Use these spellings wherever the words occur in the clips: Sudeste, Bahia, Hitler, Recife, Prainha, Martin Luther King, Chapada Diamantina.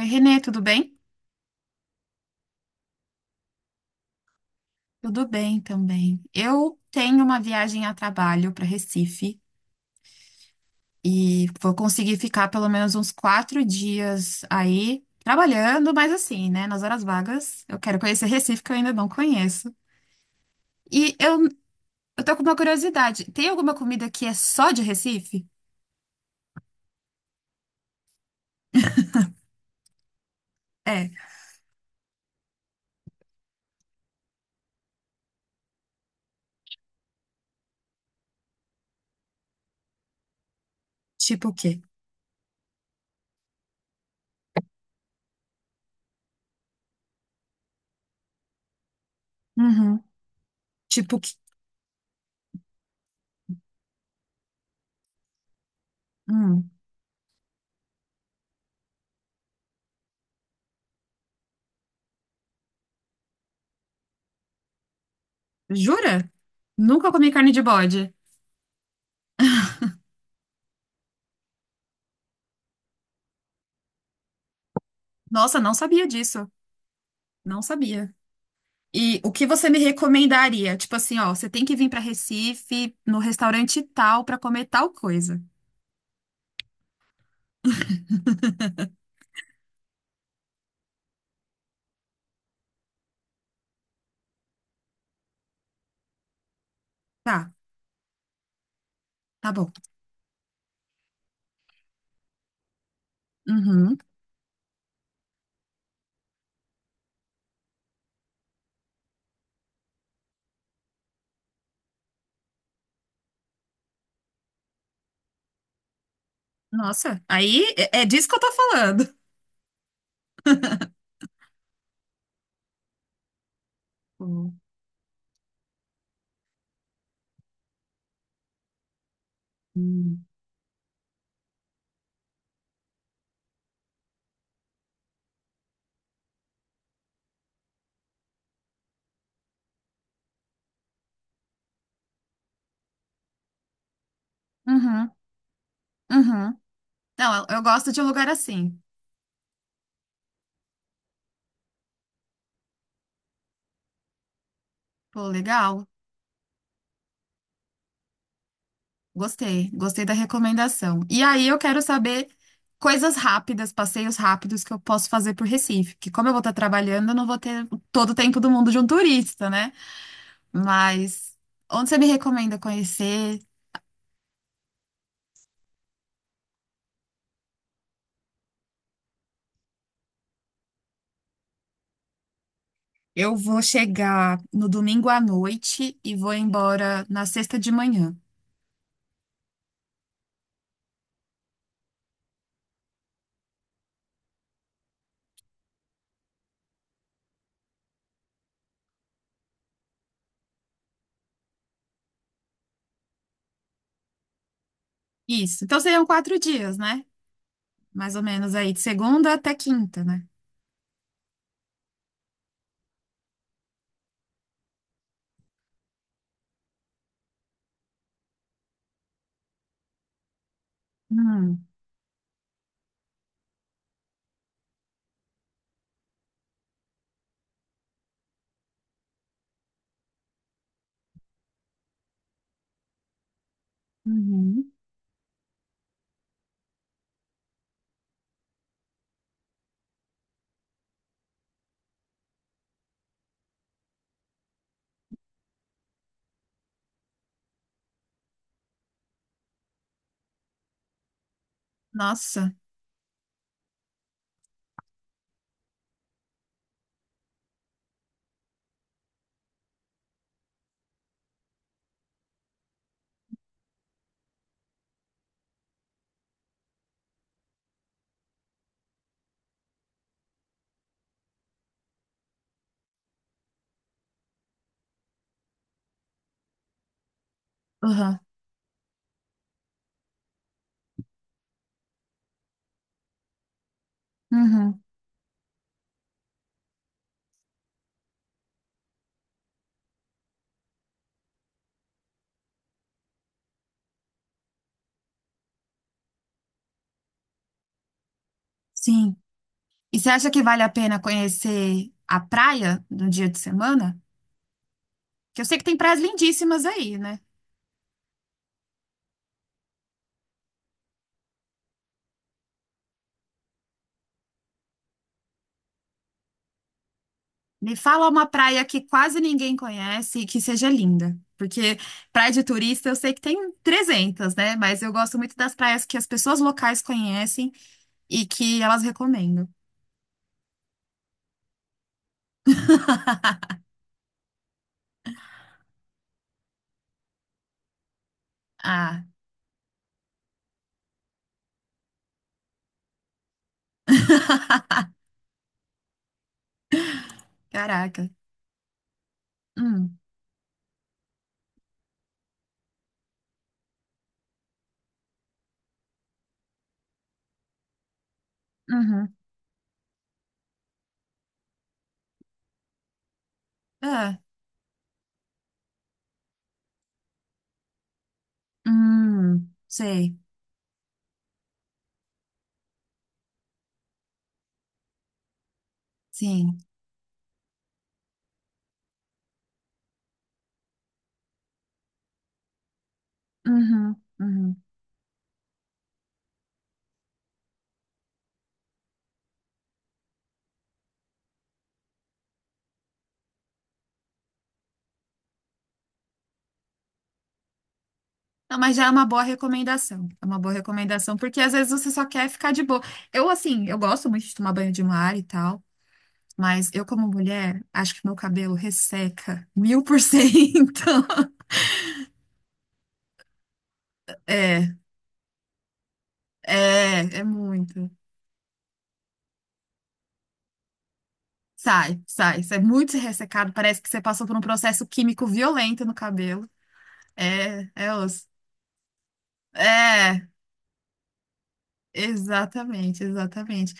Oi, Renê, tudo bem? Tudo bem também. Eu tenho uma viagem a trabalho para Recife e vou conseguir ficar pelo menos uns quatro dias aí trabalhando, mas assim, né, nas horas vagas. Eu quero conhecer Recife, que eu ainda não conheço. E eu, eu tô com uma curiosidade: tem alguma comida que é só de Recife? É, tipo o quê? Uhum. Tipo o quê? Hum. Jura? Nunca comi carne de bode. Nossa, não sabia disso. Não sabia. E o que você me recomendaria? Tipo assim, ó, você tem que vir para Recife no restaurante tal para comer tal coisa. Tá, tá bom. Uhum. Nossa, aí é, é disso que eu tô falando. Uhum. Uhum. Uhum. Não, eu gosto de um lugar assim. Pô, legal. Gostei, gostei da recomendação. E aí eu quero saber coisas rápidas, passeios rápidos que eu posso fazer por Recife, que como eu vou estar trabalhando, eu não vou ter todo o tempo do mundo de um turista, né? Mas onde você me recomenda conhecer? Eu vou chegar no domingo à noite e vou embora na sexta de manhã. Isso. Então seriam quatro dias, né? Mais ou menos aí, de segunda até quinta, né? Hum. Uhum. Nossa. Uhum. Uhum. Sim. E você acha que vale a pena conhecer a praia no dia de semana? Que eu sei que tem praias lindíssimas aí, né? Me fala uma praia que quase ninguém conhece e que seja linda. Porque praia de turista eu sei que tem 300, né? Mas eu gosto muito das praias que as pessoas locais conhecem e que elas recomendam. Ah, caraca. Hum, uhum. Ah, sei. Sim. Uhum, uhum. Não, mas já é uma boa recomendação. É uma boa recomendação, porque às vezes você só quer ficar de boa. Eu, assim, eu gosto muito de tomar banho de mar e tal. Mas eu, como mulher, acho que meu cabelo resseca 1000%. É, é, é muito. Sai, sai. Isso é muito ressecado. Parece que você passou por um processo químico violento no cabelo. É, é osso. É, exatamente, exatamente.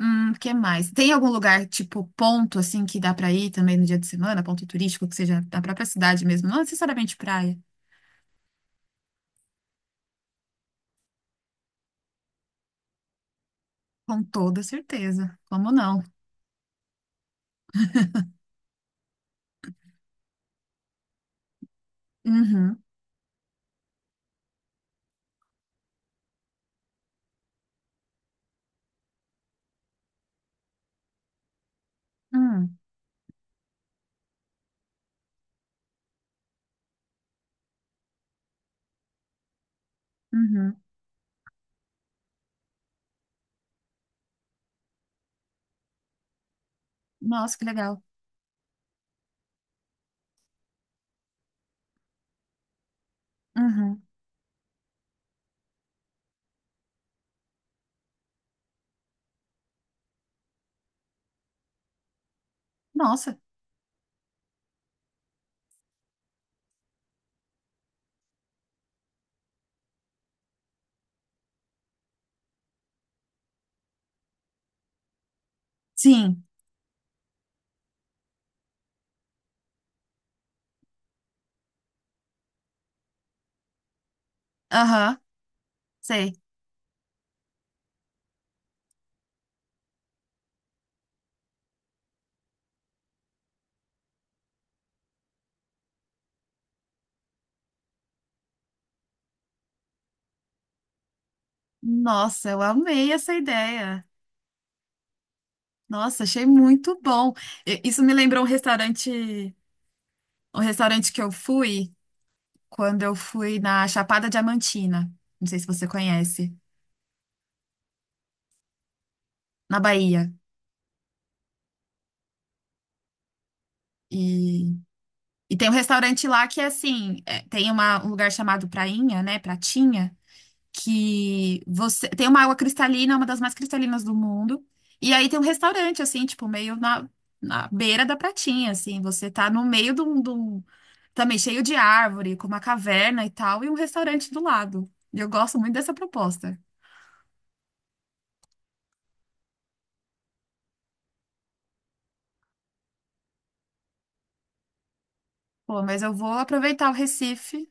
Que mais? Tem algum lugar, tipo, ponto, assim, que dá pra ir também no dia de semana? Ponto turístico, que seja da própria cidade mesmo? Não necessariamente praia. Com toda certeza. Como não? Uhum. Hum, uhum. Nossa, que legal. Uhum. Nossa, sim, aham, sei. Nossa, eu amei essa ideia. Nossa, achei muito bom. Isso me lembrou um restaurante que eu fui quando eu fui na Chapada Diamantina. Não sei se você conhece, na Bahia. E, e tem um restaurante lá que é assim, é, tem um lugar chamado Prainha, né? Pratinha, que você tem uma água cristalina, uma das mais cristalinas do mundo. E aí tem um restaurante, assim, tipo, na beira da pratinha, assim. Você tá no meio também cheio de árvore, com uma caverna e tal, e um restaurante do lado. E eu gosto muito dessa proposta. Pô, mas eu vou aproveitar o Recife.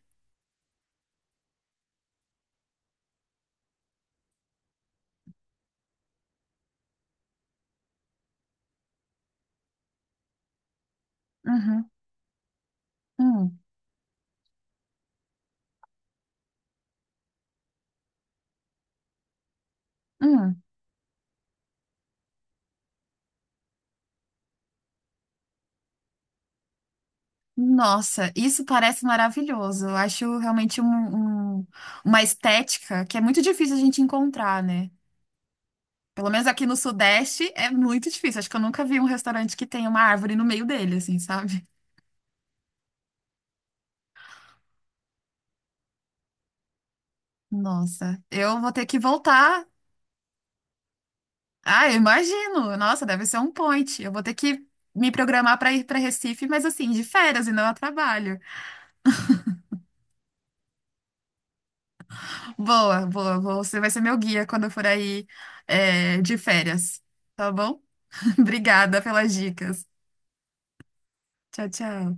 Uhum. Hum. Hum. Nossa, isso parece maravilhoso. Eu acho realmente uma estética que é muito difícil a gente encontrar, né? Pelo menos aqui no Sudeste é muito difícil. Acho que eu nunca vi um restaurante que tenha uma árvore no meio dele, assim, sabe? Nossa, eu vou ter que voltar. Ah, eu imagino. Nossa, deve ser um point. Eu vou ter que me programar para ir para Recife, mas assim, de férias e não a trabalho. Boa, boa, boa. Você vai ser meu guia quando eu for aí, é, de férias. Tá bom? Obrigada pelas dicas. Tchau, tchau.